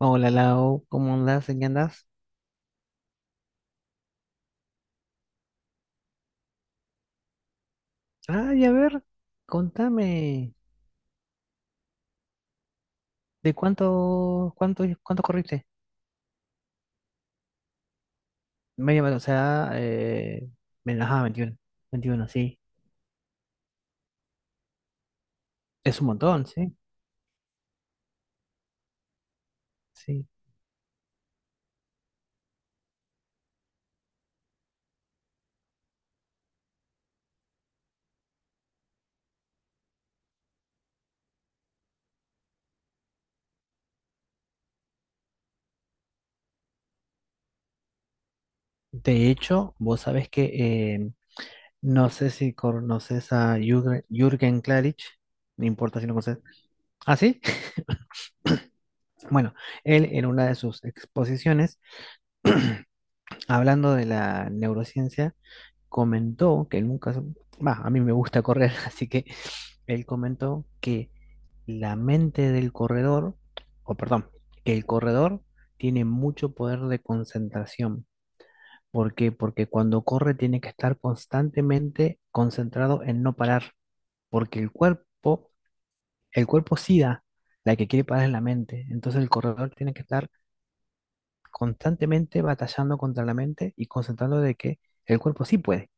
Hola Lau, ¿cómo andás? ¿En qué andás? Ah, y a ver, contame, ¿de cuánto, cuánto corriste? Media maratón, o sea, ajá, 21, 21, sí. Es un montón, sí, sí. De hecho, vos sabés que eh, no sé si conoces a Jürgen, Jürgen Klarich, no importa si no conoces. Ah, sí. Bueno, él en una de sus exposiciones, hablando de la neurociencia, comentó que nunca, va, a mí me gusta correr, así que él comentó que la mente del corredor, o perdón, que el corredor tiene mucho poder de concentración. ¿Por qué? Porque cuando corre tiene que estar constantemente concentrado en no parar, porque el cuerpo sí da, la que quiere parar es la mente. Entonces el corredor tiene que estar constantemente batallando contra la mente y concentrando de que el cuerpo sí puede.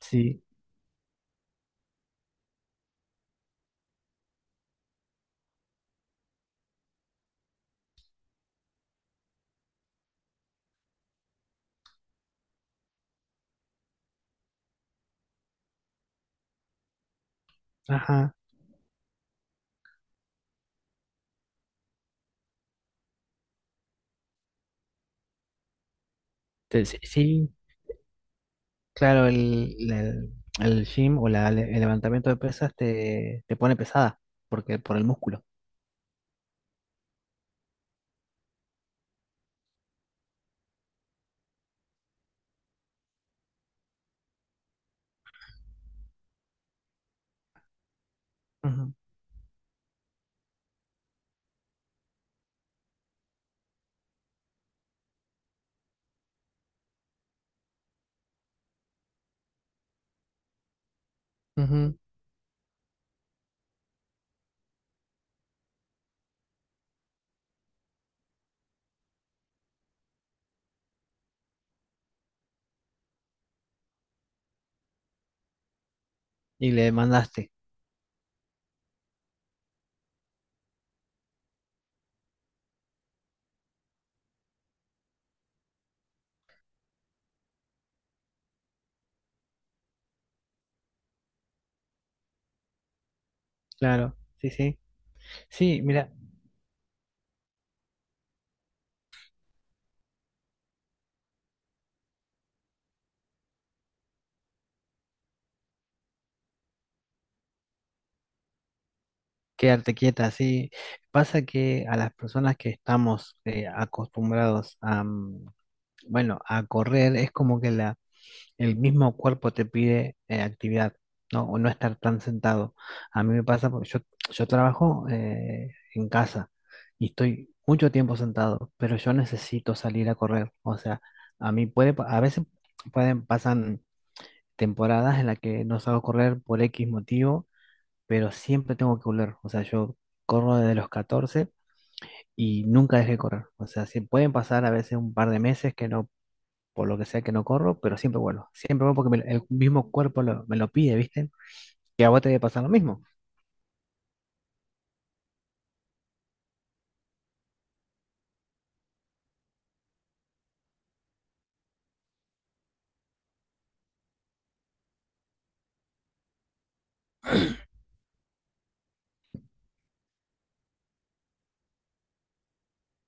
Sí, ajá. Te- Sí, sí, Claro, el gym o el levantamiento de pesas te pone pesada porque por el músculo. Ujú, ujú. Y le demandaste claro, sí, sí. Sí, mira, quedarte quieta, sí. Pasa que a las personas que estamos acostumbrados a, bueno, a correr, es como que el mismo cuerpo te pide actividad, ¿no? O no estar tan sentado. A mí me pasa porque yo trabajo en casa y estoy mucho tiempo sentado, pero yo necesito salir a correr. O sea, a mí a veces pasan temporadas en las que no salgo a correr por X motivo, pero siempre tengo que volver. O sea, yo corro desde los 14 y nunca dejé de correr. O sea, sí pueden pasar a veces un par de meses que no por lo que sea que no corro, pero siempre vuelvo. Siempre vuelvo porque el mismo cuerpo me lo pide, ¿viste? Que a vos te debe pasar lo mismo.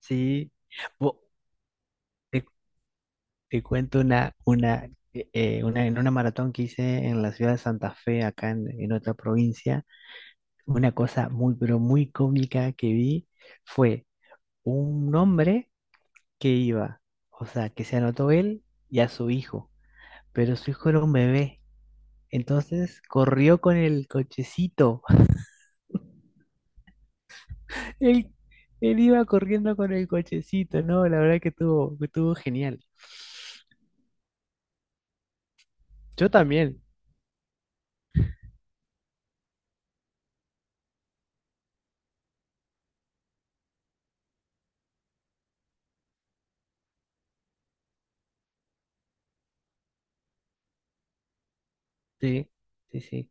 Sí. Vos- te, te cuento una, en una maratón que hice en la ciudad de Santa Fe, en otra provincia, una cosa muy, pero muy cómica que vi fue un hombre que iba, o sea, que se anotó él y a su hijo, pero su hijo era un bebé. Entonces corrió con el cochecito. Él, él iba corriendo con el cochecito, ¿no? La verdad que que estuvo genial. Yo también, sí, sí, sí.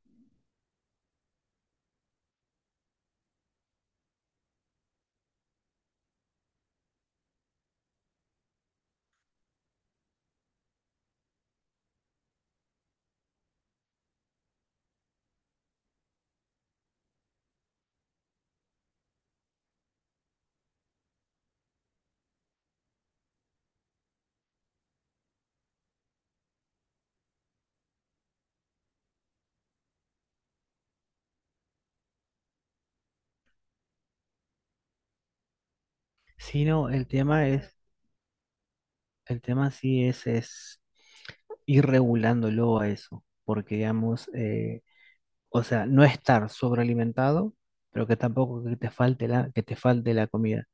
Sí, no, el tema sí es ir regulándolo a eso, porque digamos, o sea, no estar sobrealimentado, pero que tampoco que te falte que te falte la comida.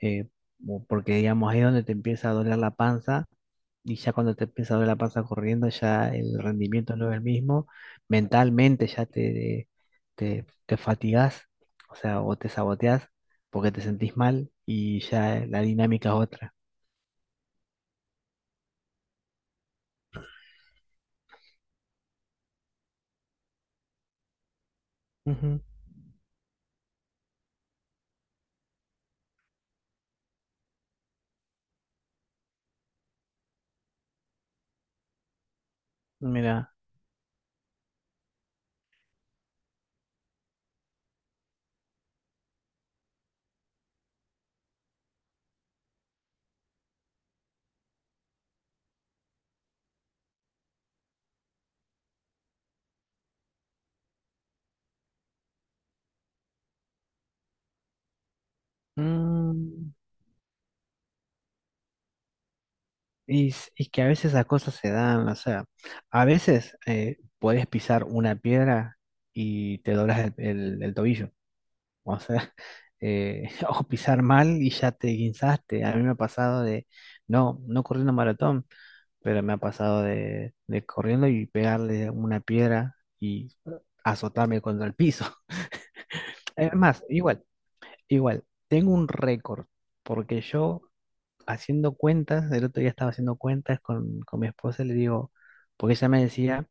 eh, o porque digamos ahí es donde te empieza a doler la panza y ya cuando te empieza a doler la panza corriendo ya el rendimiento no es el mismo, mentalmente ya te fatigás, o sea, o te saboteás porque te sentís mal y ya la dinámica es otra. Ujú, mira, mm, y, y que a veces las cosas se dan, o sea, a veces podés pisar una piedra y te doblas el tobillo. O sea, o pisar mal y ya te guinzaste. A mí me ha pasado de, no, no corriendo maratón, pero me ha pasado de corriendo y pegarle una piedra y azotarme contra el piso. Es más, igual, igual, tengo un récord, porque yo haciendo cuentas, el otro día estaba haciendo cuentas con mi esposa, le digo, porque ella me decía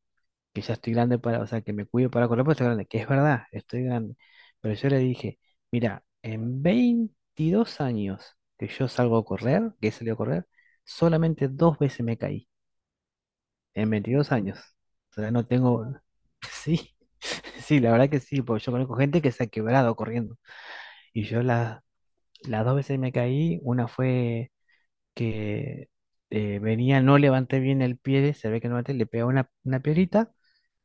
que ya estoy grande para, o sea, que me cuido para correr, porque estoy grande, que es verdad, estoy grande. Pero yo le dije, mira, en 22 años que yo salgo a correr, que he salido a correr, solamente dos veces me caí, en 22 años. O sea, no tengo, sí, sí, la verdad que sí, porque yo conozco gente que se ha quebrado corriendo. Y las dos veces me caí, una fue que venía, no levanté bien el pie, se ve que no levanté, le pegó una piedrita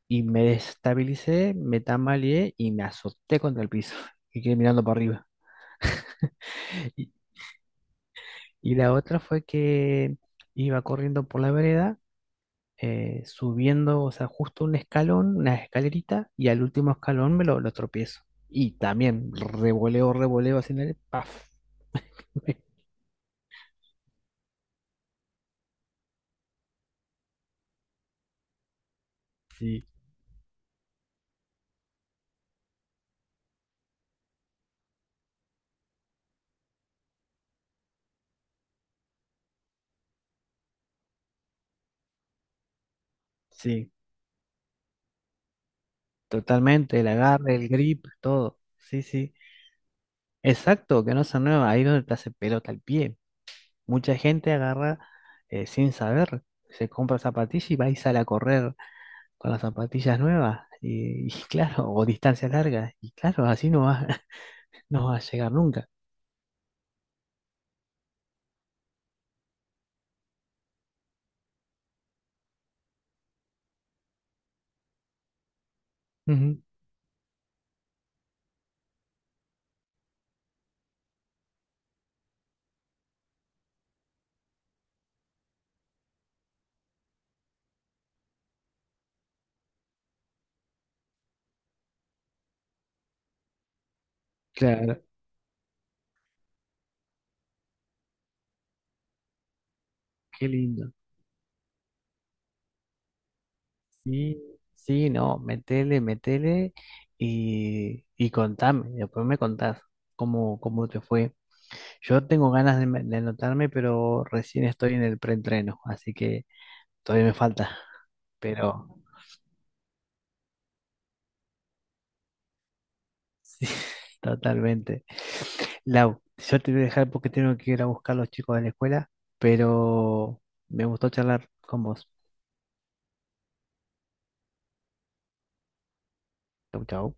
y me destabilicé, me tambaleé y me azoté contra el piso y quedé mirando para arriba. Y, y la otra fue que iba corriendo por la vereda, subiendo, o sea, justo un escalón, una escalerita, y al último escalón lo tropiezo. Y también revoleo, revoleo así el ¡paf! Sí, sí, totalmente, el agarre, el grip, todo. Sí, sí. Exacto, que no se mueva, ahí donde te hace pelota el pie. Mucha gente agarra sin saber, se compra zapatillas y va y sale a correr con las zapatillas nuevas. Y claro, o distancias largas. Y claro, así no va, no va a llegar nunca. Ujú, claro, qué lindo. Sí, sí, no, metele, metele y contame. Después me contás cómo, cómo te fue. Yo tengo ganas de anotarme, pero recién estoy en el preentreno, así que todavía me falta. Pero. Sí, totalmente. Lau, yo te voy a dejar porque tengo que ir a buscar a los chicos de la escuela, pero me gustó charlar con vos. Chau, chau.